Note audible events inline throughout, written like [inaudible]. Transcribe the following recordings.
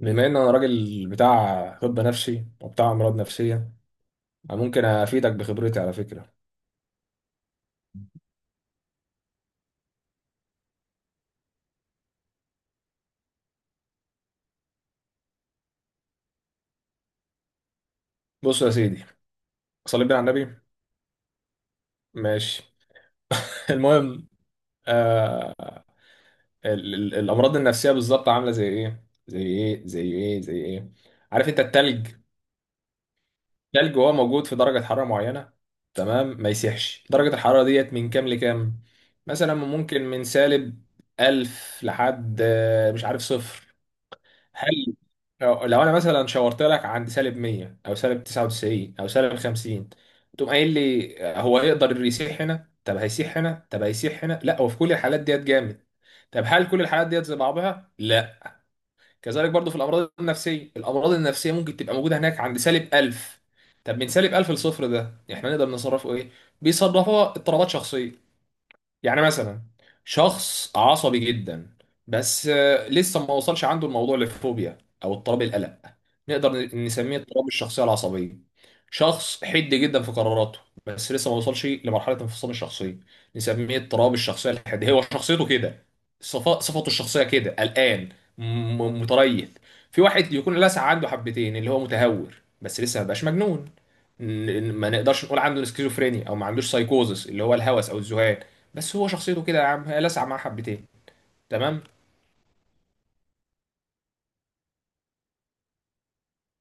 بما ان انا راجل بتاع طب نفسي وبتاع امراض نفسيه. أنا ممكن افيدك بخبرتي على فكره. بص يا سيدي، صلي بينا على النبي. ماشي. [laughs] المهم ال ال الامراض النفسيه بالظبط عامله زي ايه زي ايه زي ايه زي ايه؟ عارف انت التلج؟ التلج وهو موجود في درجه حراره معينه، تمام ما يسيحش. درجه الحراره ديت من كام لكام؟ مثلا ممكن من سالب 1000 لحد مش عارف صفر. هل لو انا مثلا شاورت لك عند سالب 100 او سالب 99 او سالب 50، تقوم قايل لي هو يقدر يسيح هنا؟ طب هيسيح هنا؟ طب هيسيح هنا؟ لا، هو في كل الحالات ديت جامد. طب هل كل الحالات ديت زي بعضها؟ لا. كذلك برضو في الامراض النفسيه. الامراض النفسيه ممكن تبقى موجوده هناك عند سالب 1000. طب من سالب 1000 لصفر، ده احنا نقدر نصرفه ايه؟ بيصرفوها اضطرابات شخصيه. يعني مثلا شخص عصبي جدا، بس لسه ما وصلش عنده الموضوع للفوبيا او اضطراب القلق، نقدر نسميه اضطراب الشخصيه العصبيه. شخص حد جدا في قراراته، بس لسه ما وصلش لمرحله انفصام الشخصيه، نسميه اضطراب الشخصيه الحاديه. هو شخصيته كده، صفته الشخصيه كده، قلقان، متريث. في واحد يكون لسع عنده حبتين اللي هو متهور، بس لسه ما بقاش مجنون. ما نقدرش نقول عنده سكيزوفرينيا او ما عندوش سايكوزس اللي هو الهوس او الذهان، بس هو شخصيته كده يا عم، هي لسع معاه حبتين. تمام.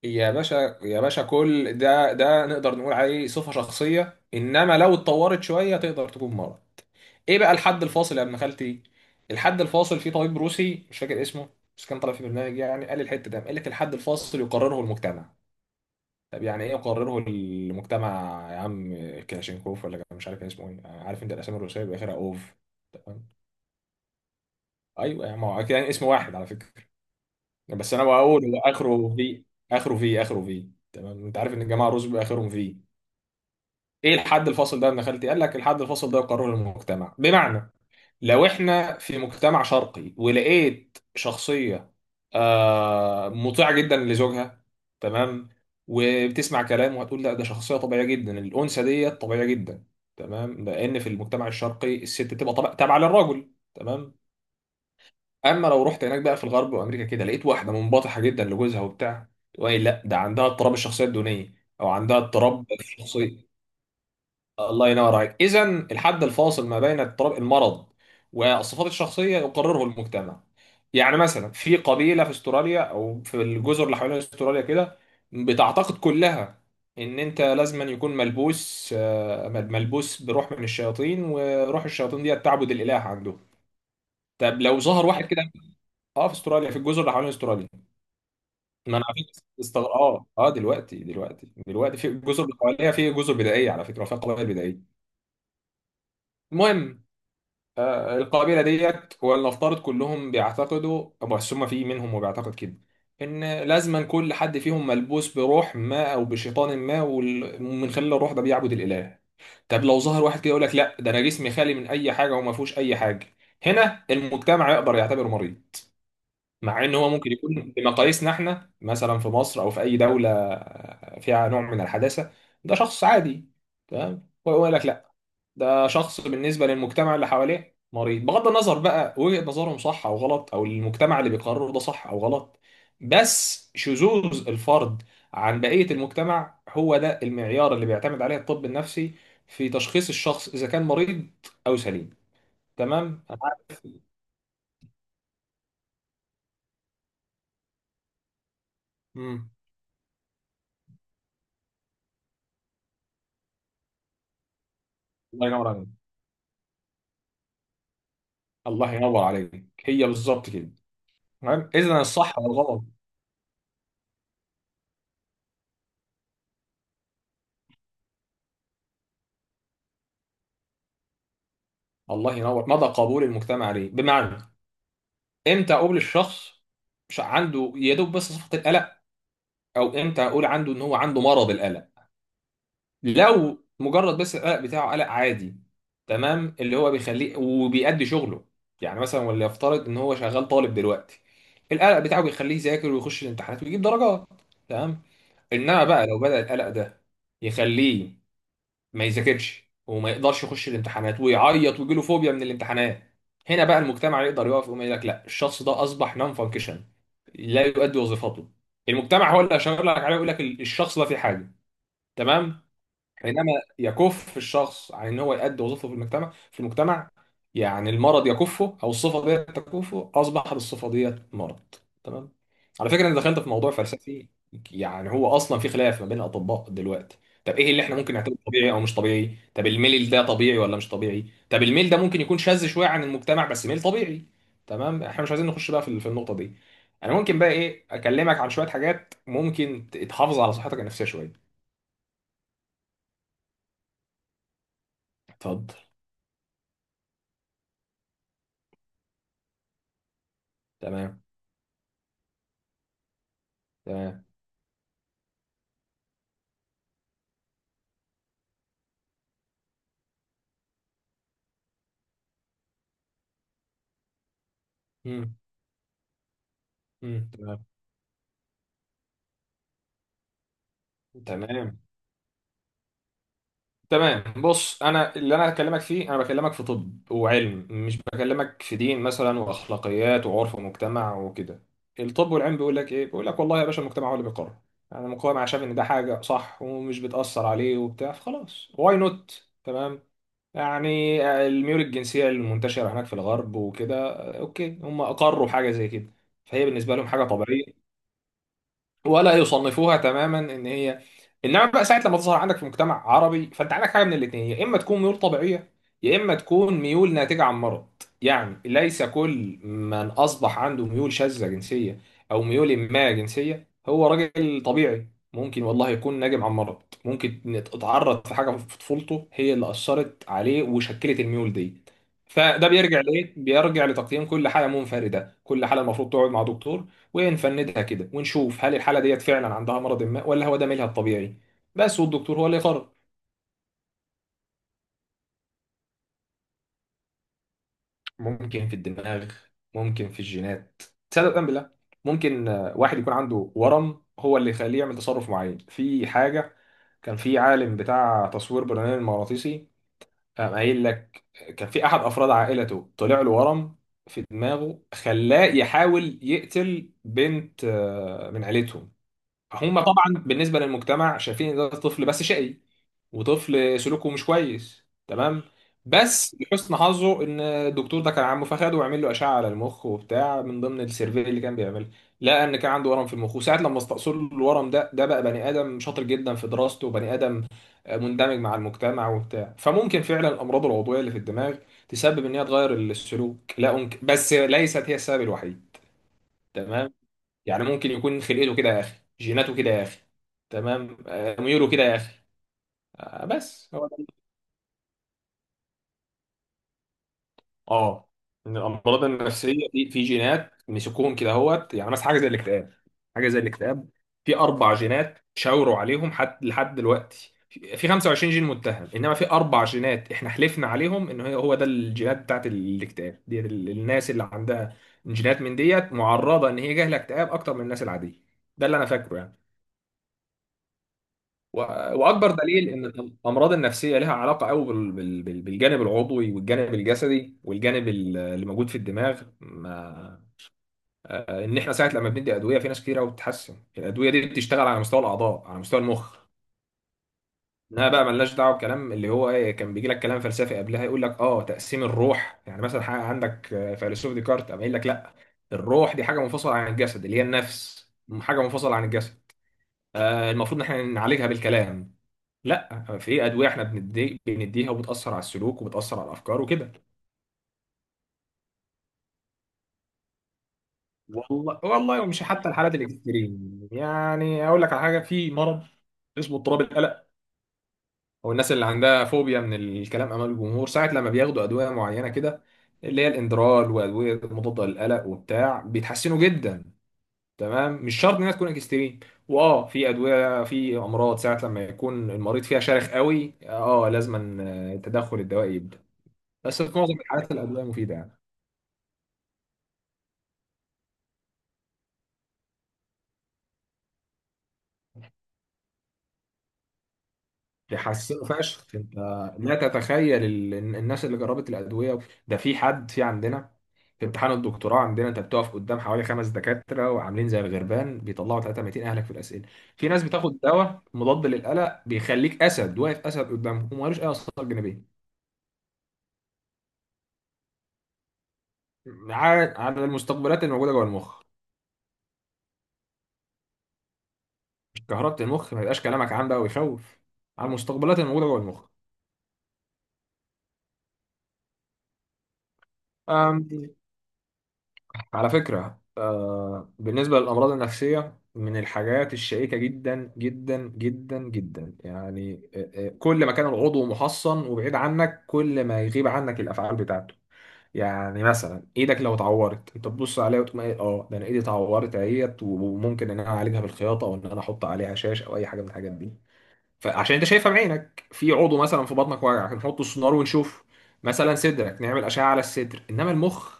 يا باشا، يا باشا، كل ده نقدر نقول عليه صفة شخصية، انما لو اتطورت شوية تقدر تكون مرض. ايه بقى الحد الفاصل يا ابن خالتي؟ الحد الفاصل في طبيب روسي مش فاكر اسمه، بس كان طالع في برنامج، يعني قال الحتة ده، قال لك الحد الفاصل يقرره المجتمع. طب يعني ايه يقرره المجتمع يا عم؟ كلاشينكوف ولا كان مش عارف كان اسمه ايه. عارف انت الاسامي الروسية بيبقى اخرها اوف؟ تمام. ايوه يا عم، هو كان اسم واحد على فكرة، بس انا بقول هو اخره في. اخره في، اخره في. تمام. انت عارف ان الجماعه الرز بيبقى اخرهم في. ايه الحد الفاصل ده يا ابن خالتي؟ قال لك الحد الفاصل ده قرار المجتمع. بمعنى لو احنا في مجتمع شرقي ولقيت شخصيه آه مطيعه جدا لزوجها، تمام، وبتسمع كلامه، هتقول لا ده شخصيه طبيعيه جدا، الانثى ديت طبيعيه جدا. تمام، لان في المجتمع الشرقي الست بتبقى تابعه للراجل. تمام. اما لو رحت هناك بقى في الغرب وامريكا كده، لقيت واحده منبطحه جدا لجوزها وبتاع، تقول لي لا ده عندها اضطراب الشخصيه الدونيه، او عندها اضطراب الشخصيه. الله ينور عليك. اذا الحد الفاصل ما بين اضطراب المرض والصفات الشخصيه يقرره المجتمع. يعني مثلا في قبيله في استراليا او في الجزر اللي حوالين استراليا كده، بتعتقد كلها ان انت لازم أن يكون ملبوس ملبوس بروح من الشياطين، وروح الشياطين دي تعبد الاله عنده. طب لو ظهر واحد كده. اه في استراليا، في الجزر اللي حوالين استراليا. ما انا على فكره استغ... اه اه دلوقتي دلوقتي في الجزر اللي حواليها، في جزر بدائيه على فكره فيها قبائل بدائيه. المهم، آه القبيله ديت، ولنفترض كلهم بيعتقدوا، بس هم في منهم وبيعتقد كده، ان لازما كل حد فيهم ملبوس بروح ما او بشيطان ما، ومن خلال الروح ده بيعبد الاله. طب لو ظهر واحد كده يقول لك لا ده انا جسمي خالي من اي حاجه وما فيهوش اي حاجه، هنا المجتمع يقدر يعتبره مريض. مع ان هو ممكن يكون بمقاييسنا احنا، مثلا في مصر او في اي دوله فيها نوع من الحداثه، ده شخص عادي. تمام. هو يقول لك لا، ده شخص بالنسبه للمجتمع اللي حواليه مريض، بغض النظر بقى وجهه نظرهم صح او غلط، او المجتمع اللي بيقرره ده صح او غلط، بس شذوذ الفرد عن بقيه المجتمع هو ده المعيار اللي بيعتمد عليه الطب النفسي في تشخيص الشخص اذا كان مريض او سليم. تمام. مم. الله ينور عليك. الله ينور عليك، هي بالظبط كده. تمام. اذا الصح والغلط. الله ينور. مدى قبول المجتمع ليه، بمعنى امتى اقول الشخص مش عنده يا دوب بس صفة القلق، او امتى اقول عنده ان هو عنده مرض القلق. لو مجرد بس القلق بتاعه قلق عادي، تمام، اللي هو بيخليه وبيأدي شغله، يعني مثلا وليفترض ان هو شغال طالب دلوقتي، القلق بتاعه بيخليه يذاكر ويخش الامتحانات ويجيب درجات. تمام. انما بقى لو بدأ القلق ده يخليه ما يذاكرش وما يقدرش يخش الامتحانات ويعيط ويجيله فوبيا من الامتحانات، هنا بقى المجتمع يقدر يقف ويقوم يقول لك لا، الشخص ده اصبح نون فانكشن، لا يؤدي وظيفته. المجتمع هو اللي هيشاور لك عليه ويقول لك الشخص ده في حاجه. تمام. حينما يكف الشخص عن ان هو يؤدي وظيفته في المجتمع في المجتمع، يعني المرض يكفه او الصفه ديت تكفه، اصبحت الصفه ديت مرض. تمام. على فكره انا دخلت في موضوع فلسفي. يعني هو اصلا في خلاف ما بين الاطباء دلوقتي. طب ايه اللي احنا ممكن نعتبره طبيعي او مش طبيعي؟ طب الميل ده طبيعي ولا مش طبيعي؟ طب الميل ده ممكن يكون شاذ شويه عن المجتمع بس ميل طبيعي. تمام. احنا مش عايزين نخش بقى في النقطه دي. انا ممكن بقى ايه اكلمك عن شويه حاجات ممكن تحافظ على صحتك النفسيه شويه. اتفضل. تمام. تمام. مم. تمام. تمام. تمام، بص، انا اللي انا هكلمك فيه، انا بكلمك في طب وعلم، مش بكلمك في دين مثلا واخلاقيات وعرف ومجتمع وكده. الطب والعلم بيقول لك ايه؟ بيقول لك والله يا باشا المجتمع هو اللي بيقرر. انا مجتمع شايف ان ده حاجه صح ومش بتاثر عليه وبتاع، فخلاص، واي نوت، تمام. يعني الميول الجنسيه المنتشره هناك في الغرب وكده، اوكي، هم اقروا حاجه زي كده، فهي بالنسبه لهم حاجه طبيعيه ولا يصنفوها تماما ان هي. انما بقى ساعه لما تظهر عندك في مجتمع عربي، فانت عندك حاجه من الاثنين، يا اما تكون ميول طبيعيه يا اما تكون ميول ناتجه عن مرض. يعني ليس كل من اصبح عنده ميول شاذه جنسيه او ميول ما جنسيه هو راجل طبيعي، ممكن والله يكون ناجم عن مرض، ممكن إن اتعرض في حاجه في طفولته هي اللي اثرت عليه وشكلت الميول دي. فده بيرجع لايه؟ بيرجع لتقييم كل حاله منفرده، كل حاله المفروض تقعد مع دكتور ونفندها كده ونشوف هل الحاله ديت فعلا عندها مرض ما ولا هو ده ميلها الطبيعي، بس والدكتور هو اللي يقرر. ممكن في الدماغ، ممكن في الجينات. تصدق أم بالله ممكن واحد يكون عنده ورم هو اللي يخليه يعمل تصرف معين في حاجه. كان في عالم بتاع تصوير برنامج مغناطيسي قام قايل لك كان في احد افراد عائلته طلع له ورم في دماغه خلاه يحاول يقتل بنت من عيلتهم. هما طبعا بالنسبه للمجتمع شايفين ان ده طفل بس شقي وطفل سلوكه مش كويس، تمام. بس لحسن حظه ان الدكتور ده كان عمه، فخده وعمل له اشعه على المخ وبتاع من ضمن السيرفي اللي كان بيعملها، لقى ان كان عنده ورم في المخ، وساعه لما استأصل له الورم ده ده بقى بني ادم شاطر جدا في دراسته وبني ادم مندمج مع المجتمع وبتاع. فممكن فعلا الامراض العضويه اللي في الدماغ تسبب ان هي تغير السلوك، لا أنك... بس ليست هي السبب الوحيد. تمام. يعني ممكن يكون خلقته كده يا اخي، جيناته كده يا اخي، تمام، ميوله كده يا اخي، بس هو. اه، ان الامراض النفسيه في في جينات مسكوهم كده اهوت، يعني مثلا حاجه زي الاكتئاب. حاجه زي الاكتئاب في اربع جينات شاوروا عليهم حد لحد دلوقتي، في 25 جين متهم، انما في اربع جينات احنا حلفنا عليهم ان هي هو ده الجينات بتاعت الاكتئاب دي. الناس اللي عندها جينات من ديت معرضه ان هي جاهله اكتئاب اكتر من الناس العاديه. ده اللي انا فاكره يعني. و- واكبر دليل ان الامراض النفسيه لها علاقه قوي بالجانب العضوي والجانب الجسدي والجانب اللي موجود في الدماغ ما، ان احنا ساعه لما بندي ادويه في ناس كتير قوي بتتحسن. الادويه دي بتشتغل على مستوى الاعضاء، على مستوى المخ. انها بقى ملناش دعوه بكلام اللي هو ايه، كان بيجي لك كلام فلسفي قبلها يقول لك اه تقسيم الروح، يعني مثلا حاجه عندك فيلسوف ديكارت قام قايل لك لا، الروح دي حاجه منفصله عن الجسد اللي هي النفس، حاجه منفصله عن الجسد، المفروض ان احنا نعالجها بالكلام. لا، في ادويه احنا بنديها وبتاثر على السلوك وبتاثر على الافكار وكده. والله والله ومش حتى الحالات الاكستريم، يعني اقول لك على حاجه، في مرض اسمه اضطراب القلق او الناس اللي عندها فوبيا من الكلام امام الجمهور، ساعه لما بياخدوا ادويه معينه كده اللي هي الاندرال وادويه مضاده للقلق وبتاع، بيتحسنوا جدا. تمام، مش شرط انها تكون اكستريم. واه، في ادويه، في امراض ساعه لما يكون المريض فيها شارخ قوي اه لازما التدخل الدوائي يبدا، بس في معظم الحالات الادويه مفيده يعني. بيحسنوا فشخ انت، لا تتخيل الناس اللي جربت الادويه. ده في حد في عندنا في امتحان الدكتوراه عندنا، انت بتقف قدام حوالي خمس دكاتره وعاملين زي الغربان بيطلعوا 300 اهلك في الاسئله. في ناس بتاخد دواء مضاد للقلق بيخليك اسد واقف اسد قدامهم، ومالوش اي اثار جانبيه. على على المستقبلات الموجوده جوه المخ. كهربة المخ، ما يبقاش كلامك عام بقى ويخوف، على المستقبلات الموجوده جوه المخ. على فكرة بالنسبة للأمراض النفسية من الحاجات الشائكة جدا جدا جدا جدا، يعني كل ما كان العضو محصن وبعيد عنك كل ما يغيب عنك الأفعال بتاعته. يعني مثلا ايدك لو اتعورت انت تبص عليها وتقول ايه، اه ده انا ايدي اتعورت اهيت، وممكن ان انا اعالجها بالخياطه او ان انا احط عليها شاش او اي حاجه من الحاجات دي، فعشان انت شايفها بعينك. في عضو مثلا في بطنك واجعك، نحط السونار ونشوف. مثلا صدرك، نعمل اشعه على الصدر. انما المخ،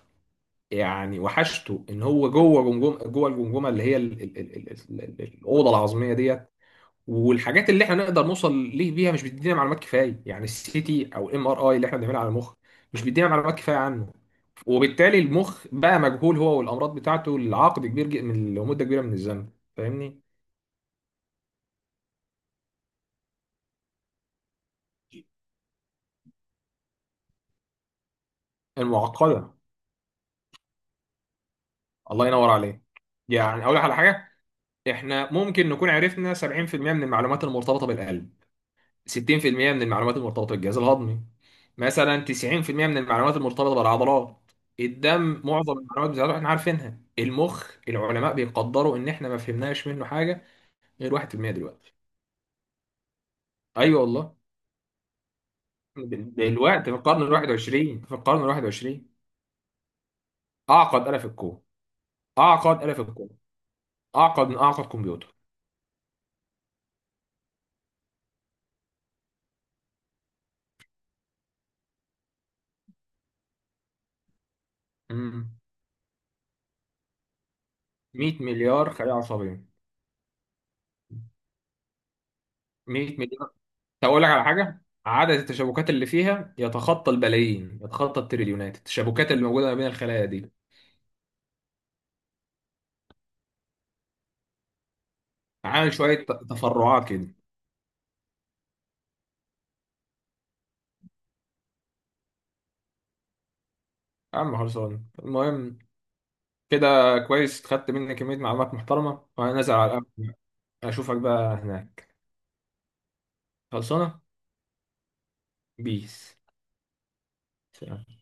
يعني وحشته ان هو جوه جوه الجمجمه اللي هي الاوضه العظميه ديت، والحاجات اللي احنا نقدر نوصل ليه بيها مش بتدينا معلومات كفايه. يعني السي تي او الام ار اي اللي احنا بنعملها على المخ مش بيدينا معلومات كفايه عنه. وبالتالي المخ بقى مجهول هو والامراض بتاعته لعقد كبير جدا من لمده كبيره من الزمن. فاهمني؟ المعقده. الله ينور عليك. يعني اقول لك على حاجه، احنا ممكن نكون عرفنا 70% من المعلومات المرتبطه بالقلب، 60% من المعلومات المرتبطة بالجهاز الهضمي، مثلا 90% من المعلومات المرتبطة بالعضلات، الدم معظم المعلومات بتاعته احنا عارفينها. المخ، العلماء بيقدروا ان احنا ما فهمناش منه حاجة غير 1% دلوقتي. ايوه والله. دلوقتي في القرن ال 21، في القرن ال 21، اعقد آلة في الكون، اعقد آلة في الكون، اعقد من اعقد كمبيوتر. مم. 100 مليار خلية عصبية. 100 مليار. هقول لك على حاجة، عدد التشابكات اللي فيها يتخطى البلايين، يتخطى التريليونات، التشابكات اللي موجودة ما بين الخلايا دي. عامل شوية تفرعات كده. يا عم خلصان. المهم كده كويس، خدت مني كمية معلومات محترمة وأنا نازل على القهوة. أشوفك بقى هناك. خلصانة. بيس. سلام.